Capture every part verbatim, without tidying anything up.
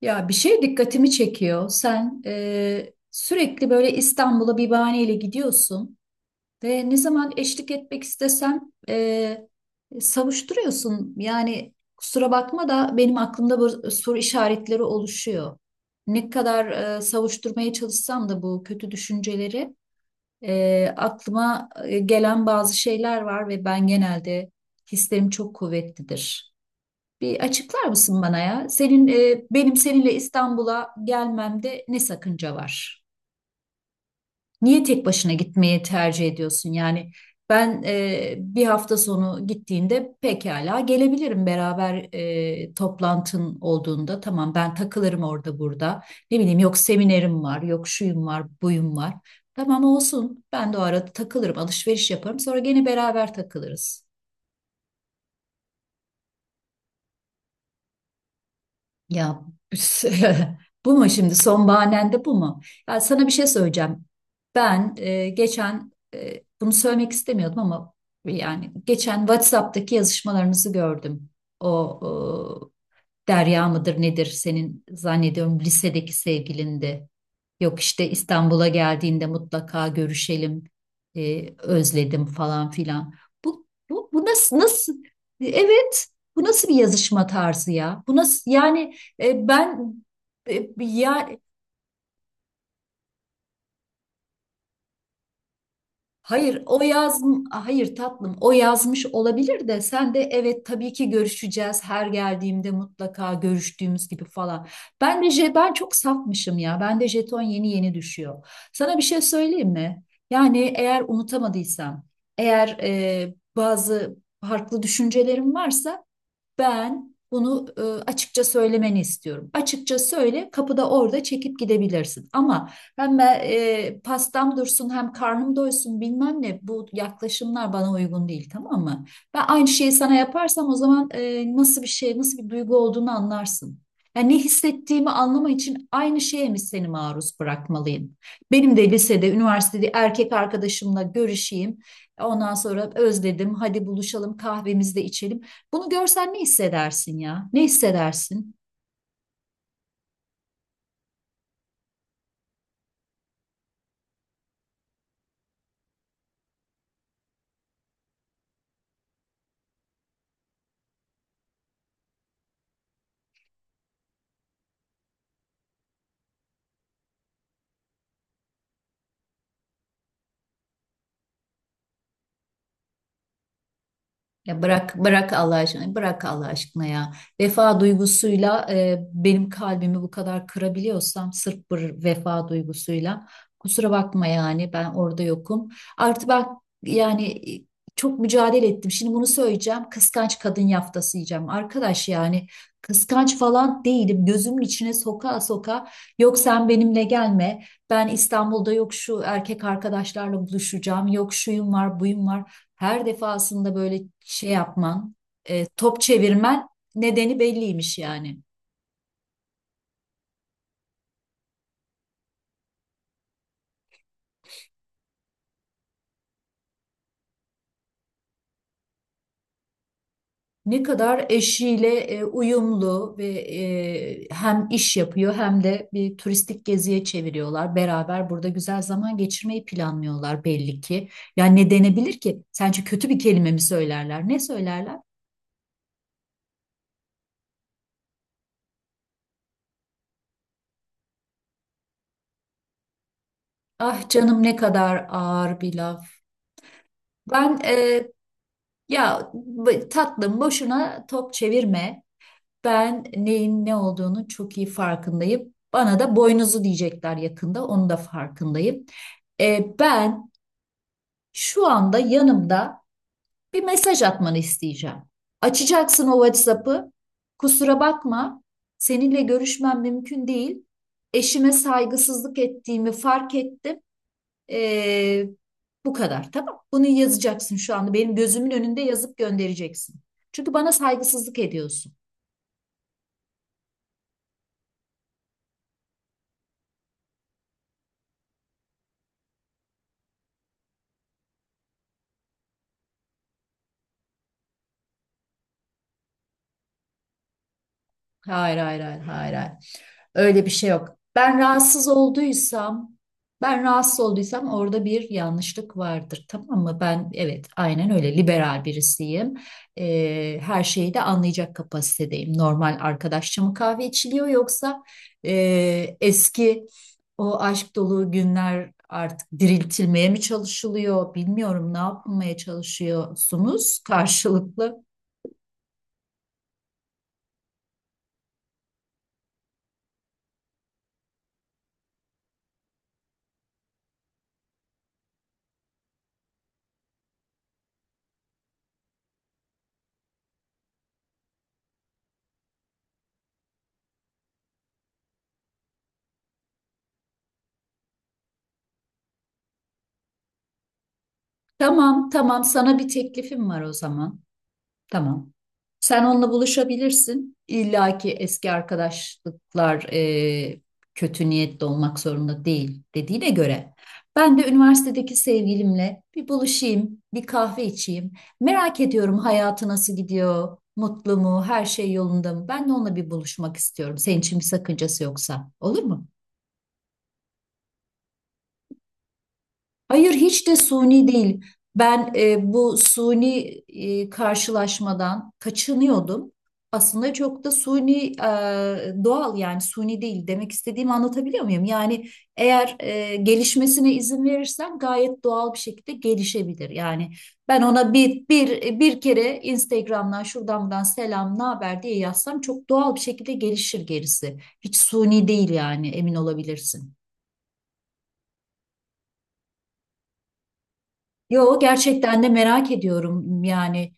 Ya bir şey dikkatimi çekiyor. Sen e, sürekli böyle İstanbul'a bir bahaneyle gidiyorsun ve ne zaman eşlik etmek istesem e, savuşturuyorsun. Yani kusura bakma da benim aklımda bu soru işaretleri oluşuyor. Ne kadar e, savuşturmaya çalışsam da bu kötü düşünceleri e, aklıma e, gelen bazı şeyler var ve ben genelde hislerim çok kuvvetlidir. Bir açıklar mısın bana ya? Senin e, benim seninle İstanbul'a gelmemde ne sakınca var? Niye tek başına gitmeyi tercih ediyorsun? Yani ben e, bir hafta sonu gittiğinde pekala gelebilirim beraber e, toplantın olduğunda. Tamam ben takılırım orada burada. Ne bileyim yok seminerim var, yok şuyum var, buyum var. Tamam olsun. Ben de o arada takılırım, alışveriş yaparım. Sonra gene beraber takılırız. Ya bu mu şimdi son bahanen de bu mu? Ya sana bir şey söyleyeceğim. Ben e, geçen e, bunu söylemek istemiyordum ama yani geçen WhatsApp'taki yazışmalarınızı gördüm. O Derya mıdır nedir, senin zannediyorum lisedeki sevgilindi. Yok işte İstanbul'a geldiğinde mutlaka görüşelim, e, özledim falan filan. Bu, bu, bu nasıl, nasıl, evet, bu nasıl bir yazışma tarzı ya? Bu nasıl, yani e, ben e, ya hayır, o yaz, hayır tatlım, o yazmış olabilir de sen de evet tabii ki görüşeceğiz her geldiğimde mutlaka görüştüğümüz gibi falan. Ben de je- ben çok safmışım ya. Ben de jeton yeni yeni düşüyor. Sana bir şey söyleyeyim mi? Yani eğer unutamadıysam, eğer e, bazı farklı düşüncelerim varsa ben bunu e, açıkça söylemeni istiyorum. Açıkça söyle, kapıda orada çekip gidebilirsin. Ama hem ben, e, pastam dursun hem karnım doysun bilmem ne, bu yaklaşımlar bana uygun değil, tamam mı? Ben aynı şeyi sana yaparsam o zaman e, nasıl bir şey, nasıl bir duygu olduğunu anlarsın. Yani ne hissettiğimi anlama için aynı şeye mi seni maruz bırakmalıyım? Benim de lisede, üniversitede erkek arkadaşımla görüşeyim. Ondan sonra özledim, hadi buluşalım kahvemizi de içelim. Bunu görsen ne hissedersin ya? Ne hissedersin? Ya bırak bırak Allah aşkına, bırak Allah aşkına ya. Vefa duygusuyla e, benim kalbimi bu kadar kırabiliyorsam sırf bir vefa duygusuyla, kusura bakma yani ben orada yokum. Artı bak, yani e, çok mücadele ettim. Şimdi bunu söyleyeceğim. Kıskanç kadın yaftası yiyeceğim. Arkadaş, yani kıskanç falan değilim. Gözümün içine soka soka yok sen benimle gelme. Ben İstanbul'da yok şu erkek arkadaşlarla buluşacağım. Yok şuyum var, buyum var. Her defasında böyle şey yapman, e, top çevirmen nedeni belliymiş yani. Ne kadar eşiyle e, uyumlu ve e, hem iş yapıyor hem de bir turistik geziye çeviriyorlar. Beraber burada güzel zaman geçirmeyi planlıyorlar belli ki. Yani ne denebilir ki? Sence kötü bir kelime mi söylerler? Ne söylerler? Ah canım, ne kadar ağır bir laf. Ben e, ya b- tatlım, boşuna top çevirme. Ben neyin ne olduğunu çok iyi farkındayım. Bana da boynuzu diyecekler yakında, onu da farkındayım. E, ben şu anda yanımda bir mesaj atmanı isteyeceğim. Açacaksın o WhatsApp'ı. Kusura bakma, seninle görüşmem mümkün değil. Eşime saygısızlık ettiğimi fark ettim. E, Bu kadar, tamam. Bunu yazacaksın şu anda. Benim gözümün önünde yazıp göndereceksin. Çünkü bana saygısızlık ediyorsun. Hayır, hayır, hayır, hayır, hayır. Öyle bir şey yok. Ben rahatsız olduysam, ben rahatsız olduysam orada bir yanlışlık vardır, tamam mı? Ben evet, aynen öyle liberal birisiyim. Ee, her şeyi de anlayacak kapasitedeyim. Normal arkadaşça mı kahve içiliyor, yoksa e, eski o aşk dolu günler artık diriltilmeye mi çalışılıyor? Bilmiyorum ne yapmaya çalışıyorsunuz karşılıklı. Tamam, tamam. Sana bir teklifim var o zaman. Tamam. Sen onunla buluşabilirsin. İlla ki eski arkadaşlıklar e, kötü niyetli olmak zorunda değil dediğine göre. Ben de üniversitedeki sevgilimle bir buluşayım, bir kahve içeyim. Merak ediyorum hayatı nasıl gidiyor, mutlu mu, her şey yolunda mı? Ben de onunla bir buluşmak istiyorum. Senin için bir sakıncası yoksa. Olur mu? Hayır, hiç de suni değil. Ben e, bu suni e, karşılaşmadan kaçınıyordum. Aslında çok da suni e, doğal, yani suni değil demek istediğimi anlatabiliyor muyum? Yani eğer e, gelişmesine izin verirsen gayet doğal bir şekilde gelişebilir. Yani ben ona bir bir bir kere Instagram'dan şuradan buradan selam ne haber diye yazsam çok doğal bir şekilde gelişir gerisi. Hiç suni değil yani, emin olabilirsin. Yo, gerçekten de merak ediyorum yani.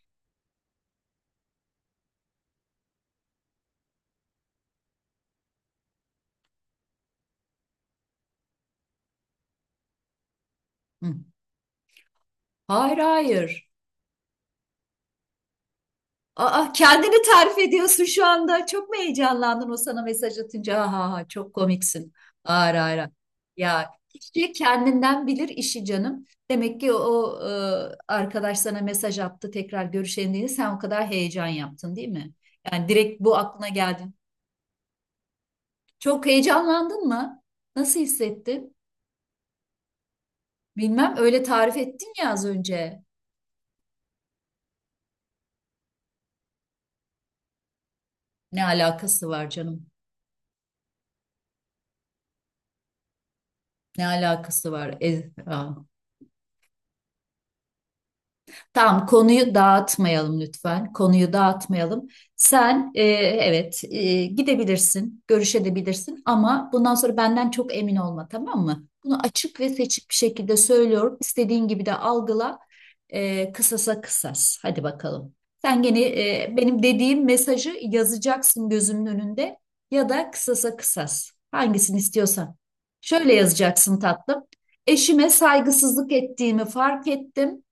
Hı. Hayır hayır. Aa, kendini tarif ediyorsun şu anda. Çok mu heyecanlandın o sana mesaj atınca? Ha ha ha, çok komiksin. Hayır hayır. Ya kişi kendinden bilir işi canım. Demek ki o, o, e, arkadaş sana mesaj attı tekrar görüşelim diye sen o kadar heyecan yaptın değil mi? Yani direkt bu aklına geldi. Çok heyecanlandın mı? Nasıl hissettin? Bilmem, öyle tarif ettin ya az önce. Ne alakası var canım? Ne alakası var? E, aa, Tamam konuyu dağıtmayalım lütfen. Konuyu dağıtmayalım. Sen e, evet e, gidebilirsin, görüşebilirsin ama bundan sonra benden çok emin olma, tamam mı? Bunu açık ve seçik bir şekilde söylüyorum. İstediğin gibi de algıla. E, kısasa kısas. Hadi bakalım. Sen gene e, benim dediğim mesajı yazacaksın gözümün önünde, ya da kısasa kısas. Hangisini istiyorsan. Şöyle yazacaksın tatlım. Eşime saygısızlık ettiğimi fark ettim,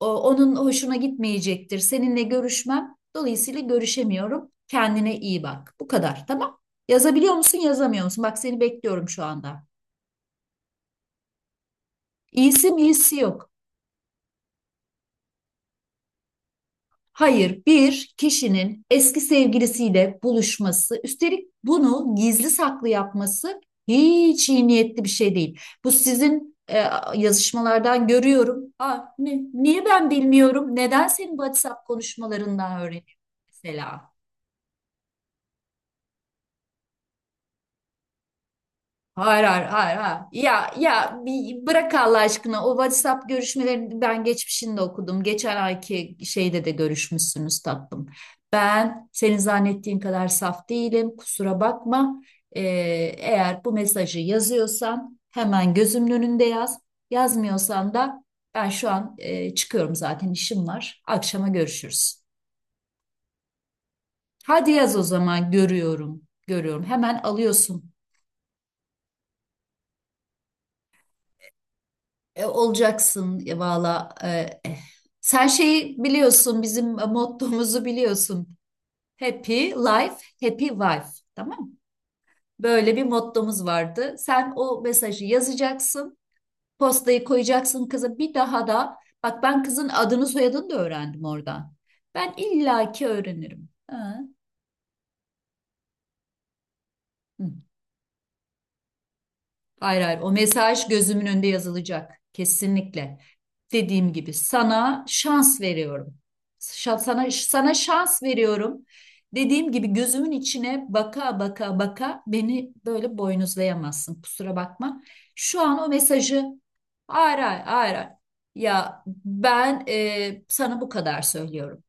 o- onun hoşuna gitmeyecektir. Seninle görüşmem. Dolayısıyla görüşemiyorum. Kendine iyi bak. Bu kadar. Tamam. Yazabiliyor musun, yazamıyor musun? Bak seni bekliyorum şu anda. İyisi mi, iyisi yok. Hayır, bir kişinin eski sevgilisiyle buluşması, üstelik bunu gizli saklı yapması hiç iyi niyetli bir şey değil. Bu sizin e, yazışmalardan görüyorum. Aa, ni- niye ben bilmiyorum? Neden senin WhatsApp konuşmalarından öğreniyorum mesela? Hayır hayır hayır, hayır. Ya ya, bir bırak Allah aşkına, o WhatsApp görüşmelerini ben geçmişinde okudum. Geçen ayki şeyde de görüşmüşsünüz tatlım. Ben senin zannettiğin kadar saf değilim. Kusura bakma. Ee, eğer bu mesajı yazıyorsan hemen gözümün önünde yaz. Yazmıyorsan da ben şu an e, çıkıyorum zaten, işim var. Akşama görüşürüz. Hadi yaz o zaman, görüyorum. Görüyorum. Hemen alıyorsun. E, olacaksın ya, valla. E, eh. Sen şeyi biliyorsun, bizim e, mottomuzu biliyorsun. Happy life, happy wife. Tamam mı? Böyle bir mottomuz vardı. Sen o mesajı yazacaksın, postayı koyacaksın kıza. Bir daha da, bak ben kızın adını soyadını da öğrendim oradan. Ben illaki öğrenirim. Ha. Hı. Hayır hayır, o mesaj gözümün önünde yazılacak kesinlikle. Dediğim gibi sana şans veriyorum. Şa- sana sana şans veriyorum. Dediğim gibi gözümün içine baka baka baka beni böyle boynuzlayamazsın. Kusura bakma. Şu an o mesajı, hayır hayır hayır, hayır. Ya ben e, sana bu kadar söylüyorum.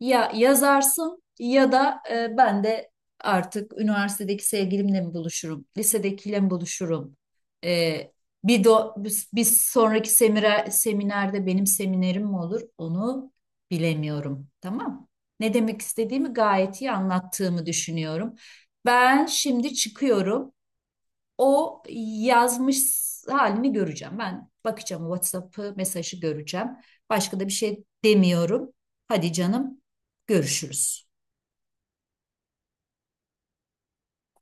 Ya yazarsın ya da e, ben de artık üniversitedeki sevgilimle mi buluşurum, lisedekiyle mi buluşurum? E, bir, do, bir bir sonraki semire, seminerde benim seminerim mi olur? Onu bilemiyorum. Tamam. Ne demek istediğimi gayet iyi anlattığımı düşünüyorum. Ben şimdi çıkıyorum. O yazmış halini göreceğim. Ben bakacağım o WhatsApp'ı, mesajı göreceğim. Başka da bir şey demiyorum. Hadi canım, görüşürüz.